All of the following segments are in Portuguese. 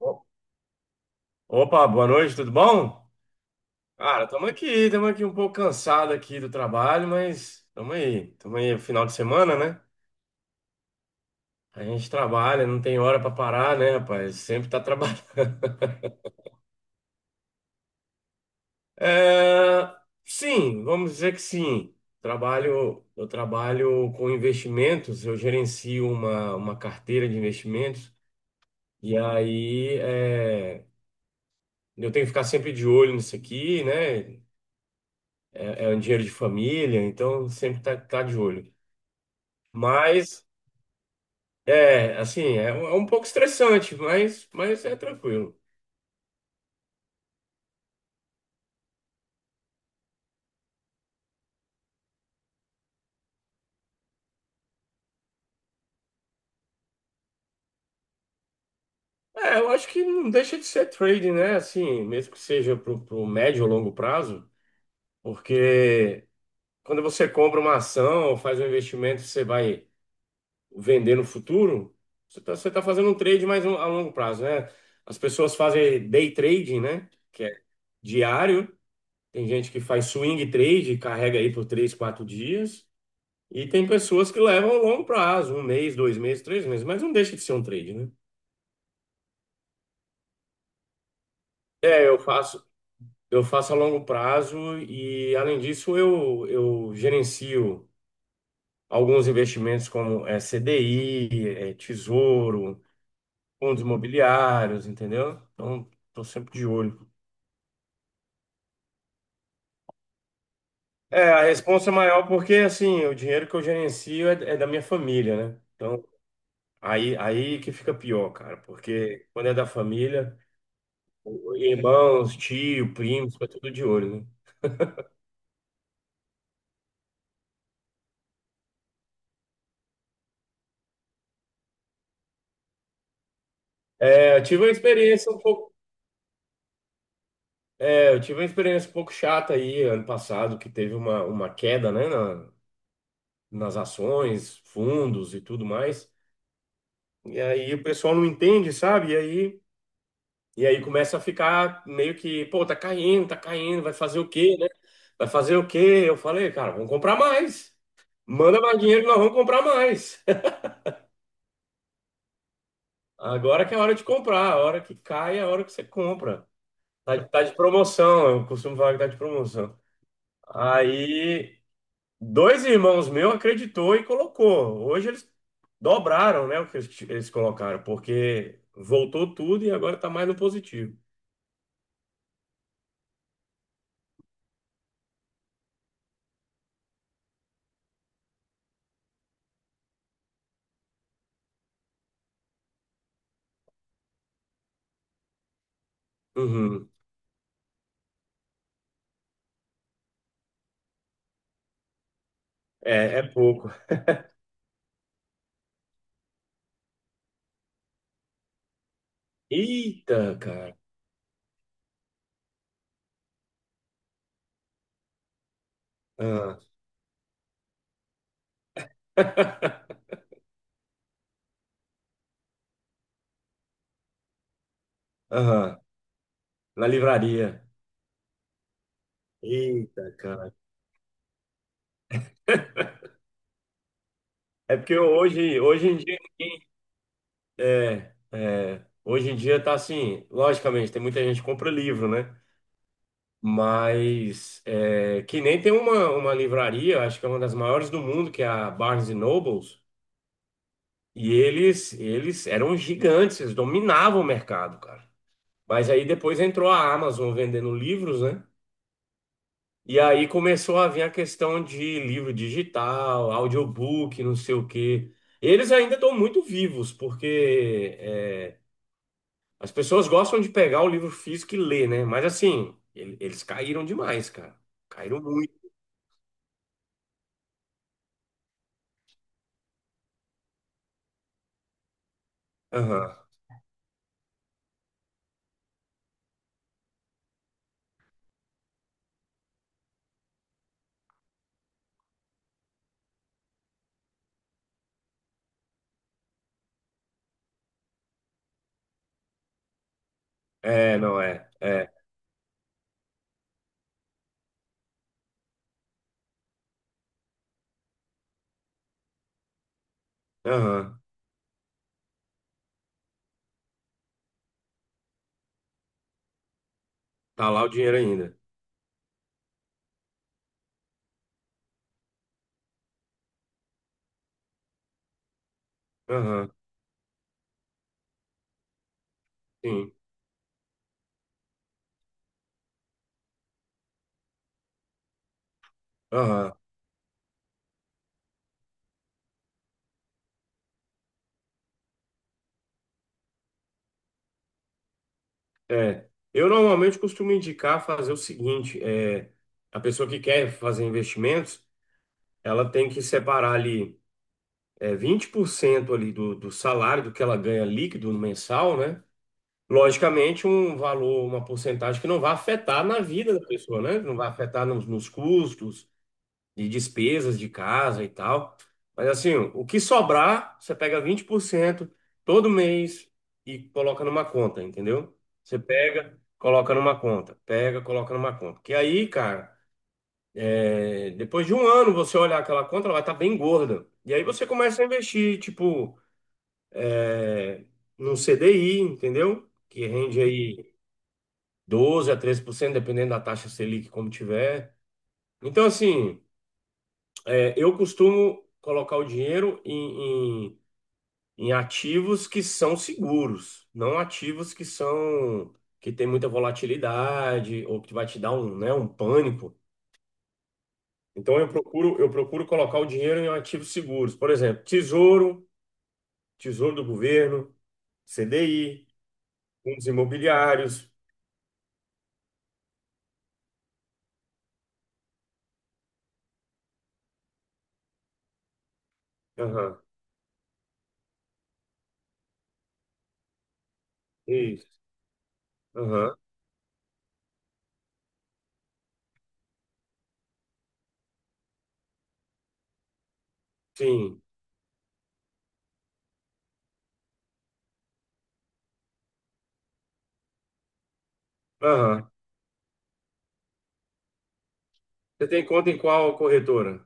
O- Opa, boa noite, tudo bom? Cara, estamos aqui um pouco cansado aqui do trabalho, mas estamos aí, final de semana, né? A gente trabalha, não tem hora para parar, né, rapaz? Sempre tá trabalhando. É, sim, vamos dizer que sim. Eu trabalho com investimentos, eu gerencio uma carteira de investimentos. E aí eu tenho que ficar sempre de olho nisso aqui, né? É um dinheiro de família, então sempre tá de olho. Mas assim, é um pouco estressante, mas é tranquilo. É, eu acho que não deixa de ser trading, né? Assim, mesmo que seja pro médio ou longo prazo, porque quando você compra uma ação ou faz um investimento, você vai vender no futuro, você tá fazendo um trade mais a longo prazo, né? As pessoas fazem day trading, né? Que é diário. Tem gente que faz swing trade, carrega aí por três, quatro dias. E tem pessoas que levam a longo prazo, um mês, dois meses, três meses, mas não deixa de ser um trade, né? É, eu faço a longo prazo e, além disso, eu gerencio alguns investimentos como CDI, tesouro, fundos imobiliários, entendeu? Então, estou sempre de olho. É, a responsa é maior porque, assim, o dinheiro que eu gerencio é da minha família, né? Então, aí que fica pior, cara, porque quando é da família. Irmãos, tio, primos, foi tudo de olho, né? É, eu tive uma experiência um pouco, eu tive uma experiência um pouco chata aí ano passado, que teve uma queda, né, nas ações, fundos e tudo mais. E aí o pessoal não entende, sabe? E aí começa a ficar meio que, pô, tá caindo, vai fazer o quê, né? Vai fazer o quê? Eu falei, cara, vamos comprar mais. Manda mais dinheiro, que nós vamos comprar mais. Agora que é a hora de comprar, a hora que cai é a hora que você compra. Tá de promoção, eu costumo falar que tá de promoção. Aí, dois irmãos meus acreditou e colocou. Hoje eles dobraram, né, o que eles colocaram, porque voltou tudo e agora tá mais no positivo. Uhum. É, é pouco. Eita, cara. Ah. Aham. Na livraria. Eita, cara. É porque hoje em dia ninguém- hoje em dia tá assim, logicamente, tem muita gente que compra livro, né? Mas é, que nem tem uma livraria, acho que é uma das maiores do mundo, que é a Barnes Nobles, e eles eram gigantes, eles dominavam o mercado, cara. Mas aí depois entrou a Amazon vendendo livros, né? E aí começou a vir a questão de livro digital, audiobook, não sei o quê. Eles ainda estão muito vivos, porque é, as pessoas gostam de pegar o livro físico e ler, né? Mas assim, eles caíram demais, cara. Caíram muito. Aham. É, não é. É. Aham. Tá lá o dinheiro ainda. Aham. Sim. Aham. É. Eu normalmente costumo indicar fazer o seguinte: é, a pessoa que quer fazer investimentos, ela tem que separar ali é, 20% ali do, do salário, do que ela ganha líquido no mensal, né? Logicamente, um valor, uma porcentagem que não vai afetar na vida da pessoa, né? Não vai afetar nos custos, de despesas de casa e tal. Mas assim, o que sobrar, você pega 20% todo mês e coloca numa conta, entendeu? Você pega, coloca numa conta, pega, coloca numa conta. Que aí, cara, é, depois de um ano você olhar aquela conta, ela vai estar bem gorda. E aí você começa a investir, tipo, é, num CDI, entendeu? Que rende aí 12 a 13%, dependendo da taxa Selic, como tiver. Então, assim, é, eu costumo colocar o dinheiro em ativos que são seguros, não ativos que são que tem muita volatilidade ou que vai te dar um, né, um pânico. Então eu procuro colocar o dinheiro em ativos seguros, por exemplo, tesouro, tesouro do governo, CDI, fundos imobiliários. Aham, isso. Aham, sim. Aham. Você tem conta em qual corretora?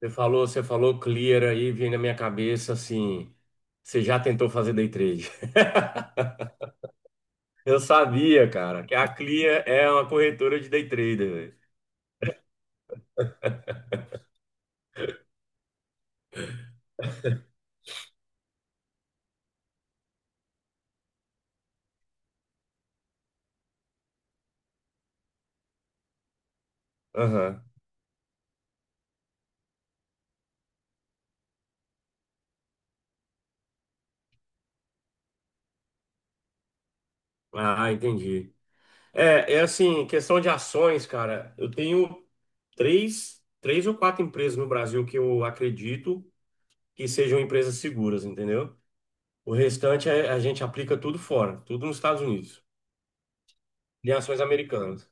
Você falou Clear aí, vem na minha cabeça assim, você já tentou fazer day trade? Eu sabia, cara, que a Clia é uma corretora de day trader, velho. Aham. Ah, entendi. É, assim, questão de ações, cara. Eu tenho três ou quatro empresas no Brasil que eu acredito que sejam empresas seguras, entendeu? O restante é- a gente aplica tudo fora, tudo nos Estados Unidos, em ações americanas.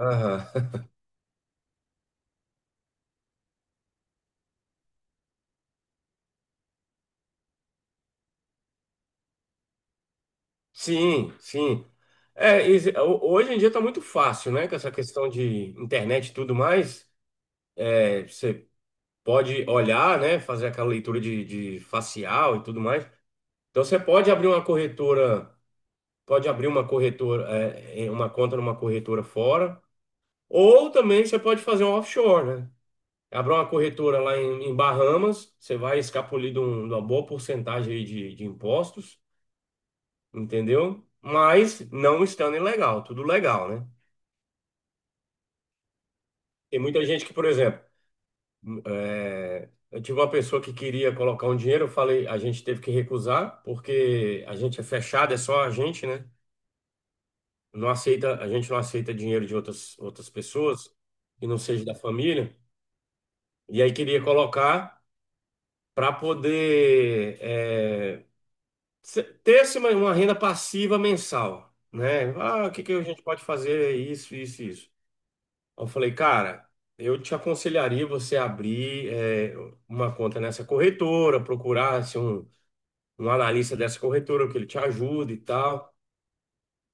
Aham. Sim, sim. É, e se- ho- hoje em dia tá muito fácil, né? Com essa questão de internet e tudo mais. Pode olhar, né, fazer aquela leitura de facial e tudo mais. Então você pode abrir uma corretora, pode abrir uma corretora, é, em uma conta numa corretora fora, ou também você pode fazer um offshore, né? Abrir uma corretora lá em, em Bahamas, você vai escapulir de, de uma boa porcentagem aí de impostos, entendeu? Mas não estando ilegal, tudo legal, né? Tem muita gente que, por exemplo, é, eu tive uma pessoa que queria colocar um dinheiro, eu falei, a gente teve que recusar, porque a gente é fechado, é só a gente, né? Não aceita, a gente não aceita dinheiro de outras, outras pessoas, que não seja da família. E aí queria colocar para poder ter assim, uma renda passiva mensal, né? Ah, o que que a gente pode fazer? Isso, isso, isso. Eu falei, cara, eu te aconselharia você abrir é, uma conta nessa corretora, procurar assim, um um analista dessa corretora, que ele te ajuda e tal.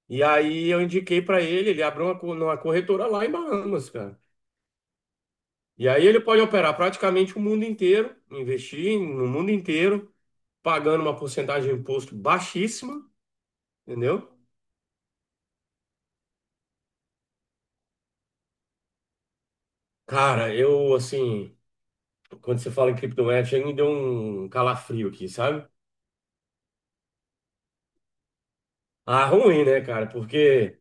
E aí eu indiquei para ele, ele abriu uma corretora lá em Bahamas, cara. E aí ele pode operar praticamente o mundo inteiro, investir no mundo inteiro, pagando uma porcentagem de imposto baixíssima, entendeu? Cara, eu assim, quando você fala em criptomoeda, chega e me deu um calafrio aqui, sabe? Ah, ruim, né, cara? Porque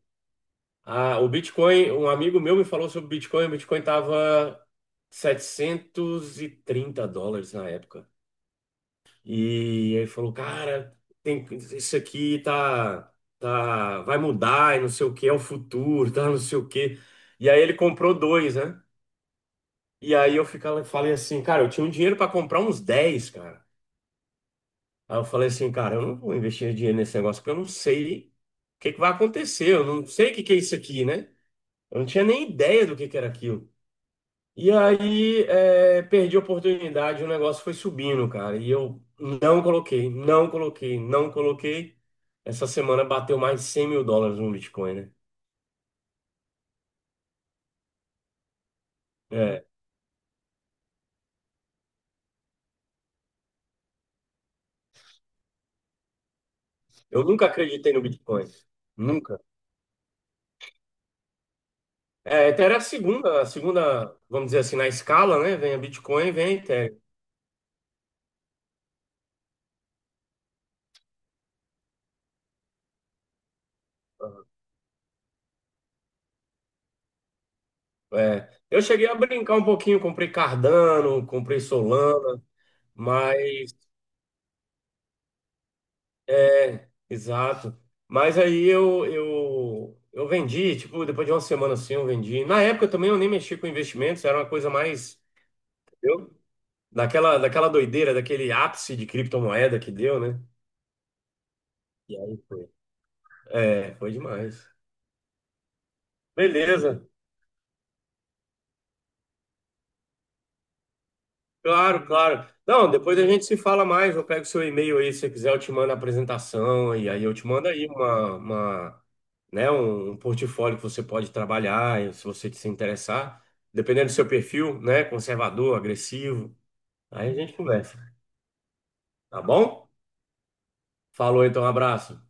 ah, o Bitcoin, um amigo meu me falou sobre o Bitcoin. O Bitcoin tava 730 dólares na época. E ele falou, cara, tem, isso aqui tá, tá, vai mudar e não sei o que, é o futuro, tá, não sei o que. E aí ele comprou dois, né? E aí eu ficava, falei assim, cara, eu tinha um dinheiro para comprar uns 10 cara. Aí eu falei assim, cara, eu não vou investir dinheiro nesse negócio porque eu não sei o que que vai acontecer, eu não sei o que que é isso aqui, né? Eu não tinha nem ideia do que era aquilo. E aí, é, perdi a oportunidade, o negócio foi subindo, cara. E eu não coloquei, não coloquei, não coloquei. Essa semana bateu mais de 100 mil dólares no Bitcoin, né? É, eu nunca acreditei no Bitcoin. Nunca. É, Ethereum é a segunda, vamos dizer assim, na escala, né? Vem a Bitcoin, vem a Ethereum. É, eu cheguei a brincar um pouquinho, comprei Cardano, comprei Solana, mas é, exato. Mas aí eu vendi, tipo, depois de uma semana assim, eu vendi. Na época também eu nem mexi com investimentos, era uma coisa mais, entendeu? Daquela doideira, daquele ápice de criptomoeda que deu, né? E aí foi. É, foi demais. Beleza. Claro, claro. Não, depois a gente se fala mais. Eu pego seu e-mail aí, se você quiser, eu te mando a apresentação e aí eu te mando aí né, um portfólio que você pode trabalhar, e se você se interessar, dependendo do seu perfil, né, conservador, agressivo. Aí a gente conversa, tá bom? Falou então, um abraço.